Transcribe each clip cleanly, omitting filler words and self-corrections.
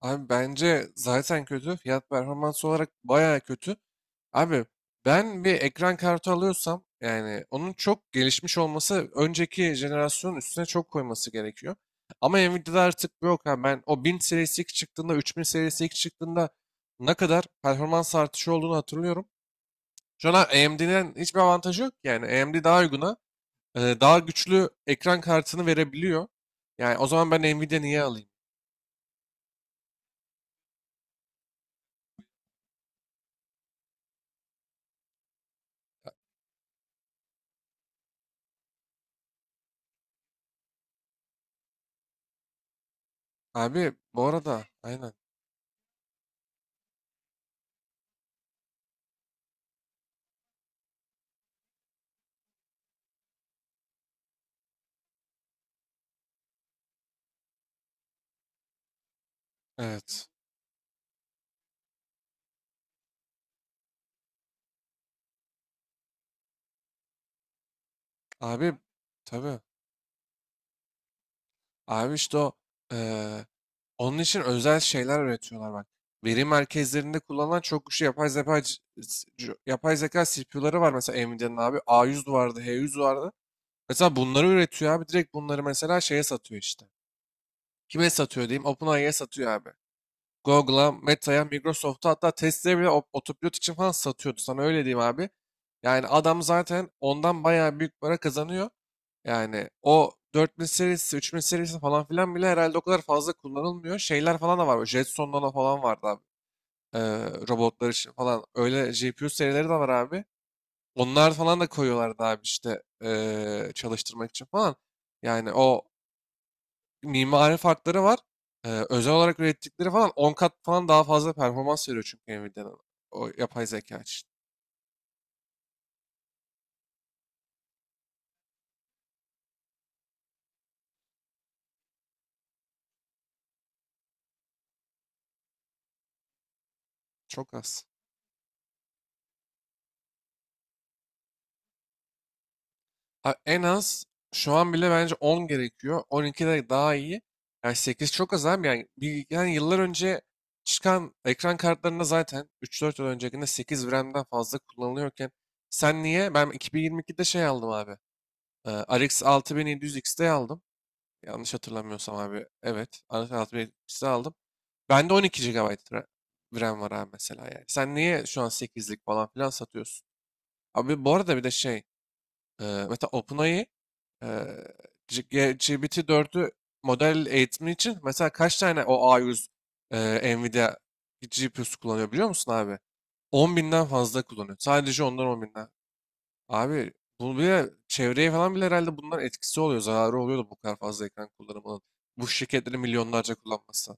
Abi bence zaten kötü. Fiyat performans olarak bayağı kötü. Abi ben bir ekran kartı alıyorsam yani onun çok gelişmiş olması önceki jenerasyonun üstüne çok koyması gerekiyor. Ama Nvidia'da artık bu yok abi. Ben o 1000 serisi ilk çıktığında 3000 serisi ilk çıktığında ne kadar performans artışı olduğunu hatırlıyorum. Şu an AMD'den hiçbir avantajı yok ki. Yani AMD daha uyguna, daha güçlü ekran kartını verebiliyor. Yani o zaman ben Nvidia niye alayım? Abi bu arada aynen. Evet. Abi tabii. Abi işte o, eee, onun için özel şeyler üretiyorlar bak. Veri merkezlerinde kullanılan çok güçlü yapay zeka yapay zeka CPU'ları var mesela Nvidia'nın abi. A100 vardı, H100 vardı. Mesela bunları üretiyor abi. Direkt bunları mesela şeye satıyor işte. Kime satıyor diyeyim? OpenAI'ye satıyor abi. Google'a, Meta'ya, Microsoft'a hatta Tesla'ya bile otopilot için falan satıyordu. Sana öyle diyeyim abi. Yani adam zaten ondan bayağı büyük para kazanıyor. Yani o 4000 serisi, 3000 serisi falan filan bile herhalde o kadar fazla kullanılmıyor. Şeyler falan da var. Böyle Jetson Nano falan vardı abi. Ee, Robotlar için falan. Öyle GPU serileri de var abi. Onlar falan da koyuyorlardı abi işte, çalıştırmak için falan. Yani o mimari farkları var. Özel olarak ürettikleri falan 10 kat falan daha fazla performans veriyor çünkü Nvidia'nın o yapay zeka için. Çok az. Ha, en az şu an bile bence 10 gerekiyor. 12 de daha iyi. Yani 8 çok az abi. Yani yıllar önce çıkan ekran kartlarında zaten 3-4 yıl öncekinde 8 RAM'den fazla kullanılıyorken sen niye? Ben 2022'de şey aldım abi. RX 6700X'de aldım. Yanlış hatırlamıyorsam abi. Evet. RX 6700X'de aldım. Bende 12 gigabayt RAM var abi mesela yani. Sen niye şu an 8'lik falan filan satıyorsun? Abi bu arada bir de şey. Mesela OpenAI, Eee, GPT-4'ü model eğitimi için mesela kaç tane o A100 Nvidia GPU'su kullanıyor biliyor musun abi? 10 binden fazla kullanıyor. Sadece ondan 10 binden. Abi bu bile çevreye falan bile herhalde bunların etkisi oluyor. Zararı oluyor da bu kadar fazla ekran kullanımının. Bu şirketleri milyonlarca kullanması.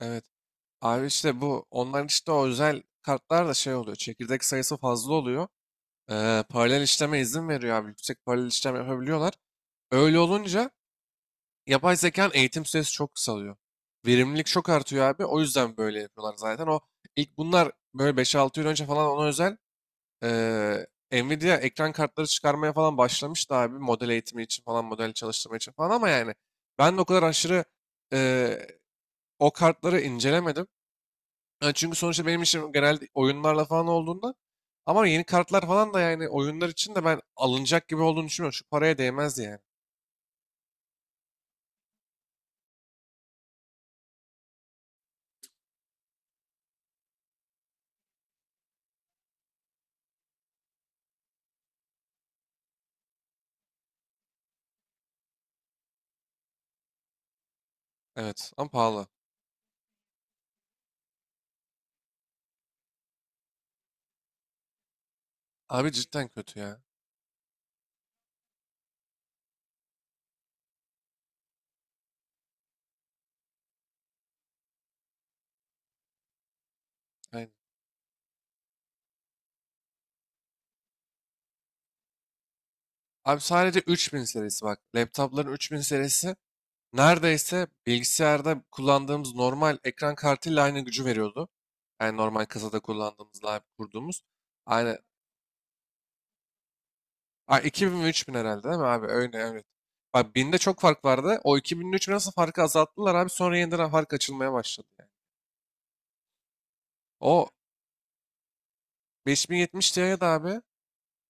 Evet. Abi işte bu onların işte o özel kartlar da şey oluyor. Çekirdek sayısı fazla oluyor. Paralel işleme izin veriyor abi. Yüksek paralel işlem yapabiliyorlar. Öyle olunca yapay zekanın eğitim süresi çok kısalıyor. Verimlilik çok artıyor abi. O yüzden böyle yapıyorlar zaten. O ilk bunlar böyle 5-6 yıl önce falan ona özel eee Nvidia ekran kartları çıkarmaya falan başlamıştı abi. Model eğitimi için falan, model çalıştırma için falan ama yani ben de o kadar aşırı eee, o kartları incelemedim. Yani çünkü sonuçta benim işim genelde oyunlarla falan olduğunda, ama yeni kartlar falan da yani oyunlar için de ben alınacak gibi olduğunu düşünmüyorum. Şu paraya değmez yani. Evet ama pahalı. Abi cidden kötü ya. Aynen. Abi sadece 3000 serisi bak. Laptopların 3000 serisi neredeyse bilgisayarda kullandığımız normal ekran kartıyla aynı gücü veriyordu. Yani normal kasada kullandığımızla abi kurduğumuz. Aynı. Aa, 2000 ve 3000 herhalde değil mi abi? Öyle evet. Bak binde çok fark vardı. O 2000 ile 3000 nasıl farkı azalttılar abi? Sonra yeniden fark açılmaya başladı yani. O 5070 Ti'ye de abi,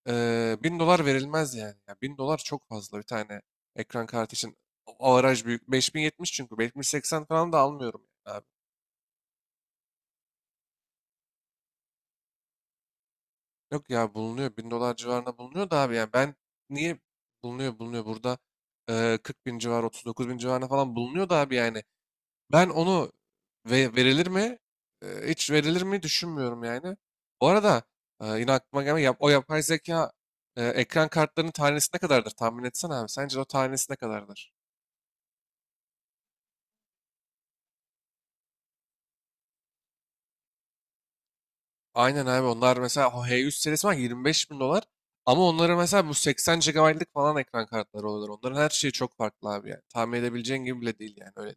1000 dolar verilmez yani. Ya 1000 dolar çok fazla bir tane ekran kartı için. Avaraj büyük. 5070 çünkü. 5080 falan da almıyorum yani abi. Yok ya, bulunuyor. 1000 dolar civarında bulunuyor da abi yani ben niye, bulunuyor burada, 40 bin civarı, 39 bin civarına falan bulunuyor da abi yani. Ben onu ve verilir mi? Hiç verilir mi düşünmüyorum yani. Bu arada yine aklıma gelme yap, o yapay zeka ekran kartlarının tanesi ne kadardır tahmin etsene abi. Sence o tanesi ne kadardır? Aynen abi, onlar mesela o H100 serisi var, 25 bin dolar. Ama onların mesela bu 80 gigabaytlık falan ekran kartları oluyor. Onların her şeyi çok farklı abi yani. Tahmin edebileceğin gibi bile değil yani öyle.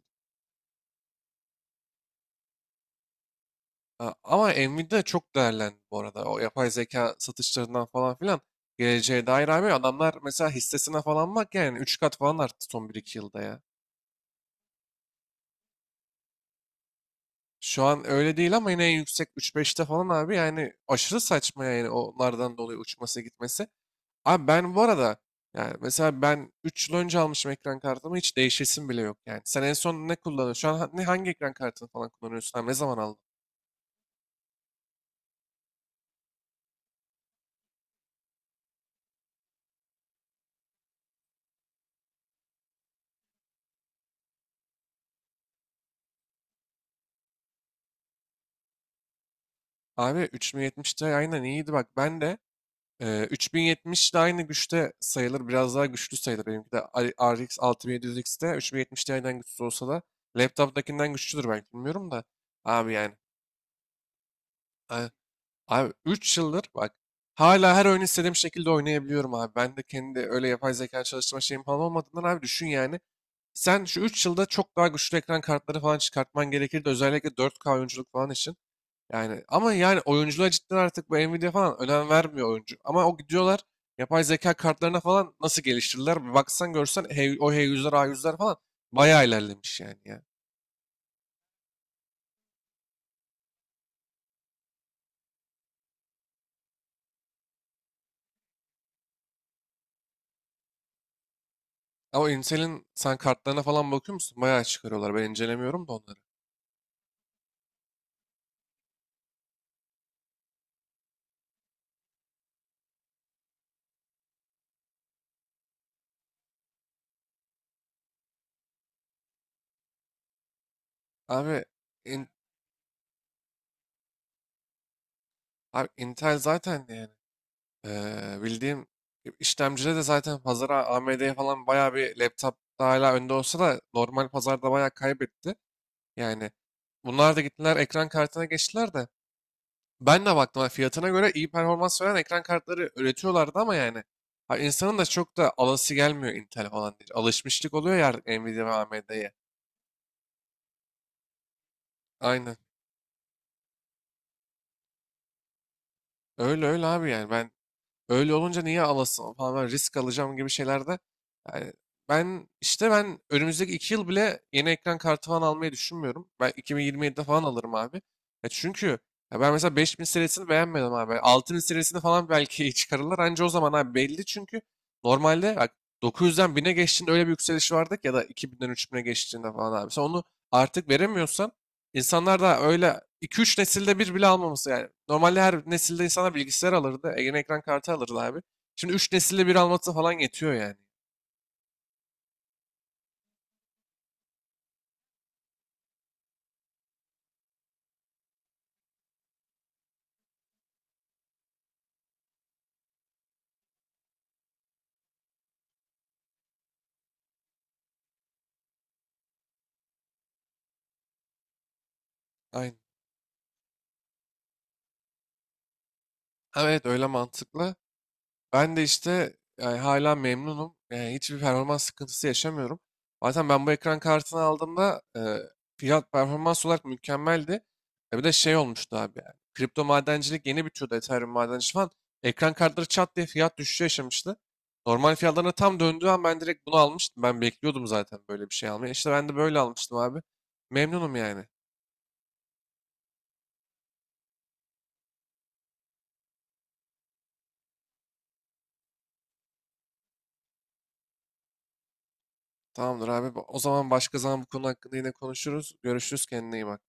Ha, ama Nvidia çok değerlendi bu arada. O yapay zeka satışlarından falan filan. Geleceğe dair abi adamlar mesela hissesine falan bak yani 3 kat falan arttı son 1-2 yılda ya. Şu an öyle değil ama yine en yüksek 3-5'te falan abi yani aşırı saçma yani onlardan dolayı uçması gitmesi. Abi ben bu arada yani mesela ben 3 yıl önce almışım ekran kartımı, hiç değişesim bile yok yani. Sen en son ne kullanıyorsun? Şu an ha- ne hangi ekran kartını falan kullanıyorsun? Abi ne zaman aldın? Abi 3070 Ti aynen iyiydi bak. Ben de 3070 de aynı güçte sayılır. Biraz daha güçlü sayılır. Benimki de RX 6700X'te 3070 Ti'den güçsüz olsa da laptop'takinden güçlüdür belki, bilmiyorum da. Abi yani. Abi 3 yıldır bak hala her oyun istediğim şekilde oynayabiliyorum abi. Ben de kendi öyle yapay zeka çalıştırma şeyim falan olmadığından abi düşün yani. Sen şu 3 yılda çok daha güçlü ekran kartları falan çıkartman gerekirdi. Özellikle 4K oyunculuk falan için. Yani ama yani oyunculuğa cidden artık bu Nvidia falan önem vermiyor oyuncu. Ama o gidiyorlar yapay zeka kartlarına falan nasıl geliştirdiler. Bir baksan görsen, o h yüzler a yüzler falan bayağı ilerlemiş yani ya. Ama Intel'in sen kartlarına falan bakıyor musun? Bayağı çıkarıyorlar. Ben incelemiyorum da onları. Abi Abi Intel zaten yani bildiğim işlemcide de zaten pazara AMD'ye falan bayağı bir, laptopta hala önde olsa da normal pazarda bayağı kaybetti. Yani bunlar da gittiler ekran kartına geçtiler de, ben de baktım ha, fiyatına göre iyi performans veren ekran kartları üretiyorlardı ama yani ha, insanın da çok da alası gelmiyor Intel falan diye. Alışmışlık oluyor ya artık Nvidia ve AMD'ye. Aynen. Öyle öyle abi yani ben, öyle olunca niye alasın falan, ben risk alacağım gibi şeylerde. Yani ben işte önümüzdeki 2 yıl bile yeni ekran kartı falan almayı düşünmüyorum. Ben 2027'de falan alırım abi. Ya çünkü ya ben mesela 5000 serisini beğenmedim abi. 6000 serisini falan belki iyi çıkarırlar. Anca o zaman abi belli çünkü normalde bak 900'den 1000'e geçtiğinde öyle bir yükseliş vardı ki, ya da 2000'den 3000'e geçtiğinde falan abi. Sen onu artık veremiyorsan İnsanlar da öyle 2-3 nesilde bir bile almaması yani. Normalde her nesilde insanlar bilgisayar alırdı. Yeni ekran kartı alırdı abi. Şimdi 3 nesilde bir alması falan yetiyor yani. Aynen. Evet öyle mantıklı. Ben de işte yani hala memnunum. Yani hiçbir performans sıkıntısı yaşamıyorum. Zaten ben bu ekran kartını aldığımda fiyat performans olarak mükemmeldi. E bir de şey olmuştu abi yani. Kripto madencilik yeni bitiyordu, Ethereum madenciliği falan. Ekran kartları çat diye fiyat düşüşü yaşamıştı. Normal fiyatlarına tam döndüğü an ben direkt bunu almıştım. Ben bekliyordum zaten böyle bir şey almayı. İşte ben de böyle almıştım abi. Memnunum yani. Tamamdır abi. O zaman başka zaman bu konu hakkında yine konuşuruz. Görüşürüz. Kendine iyi bak.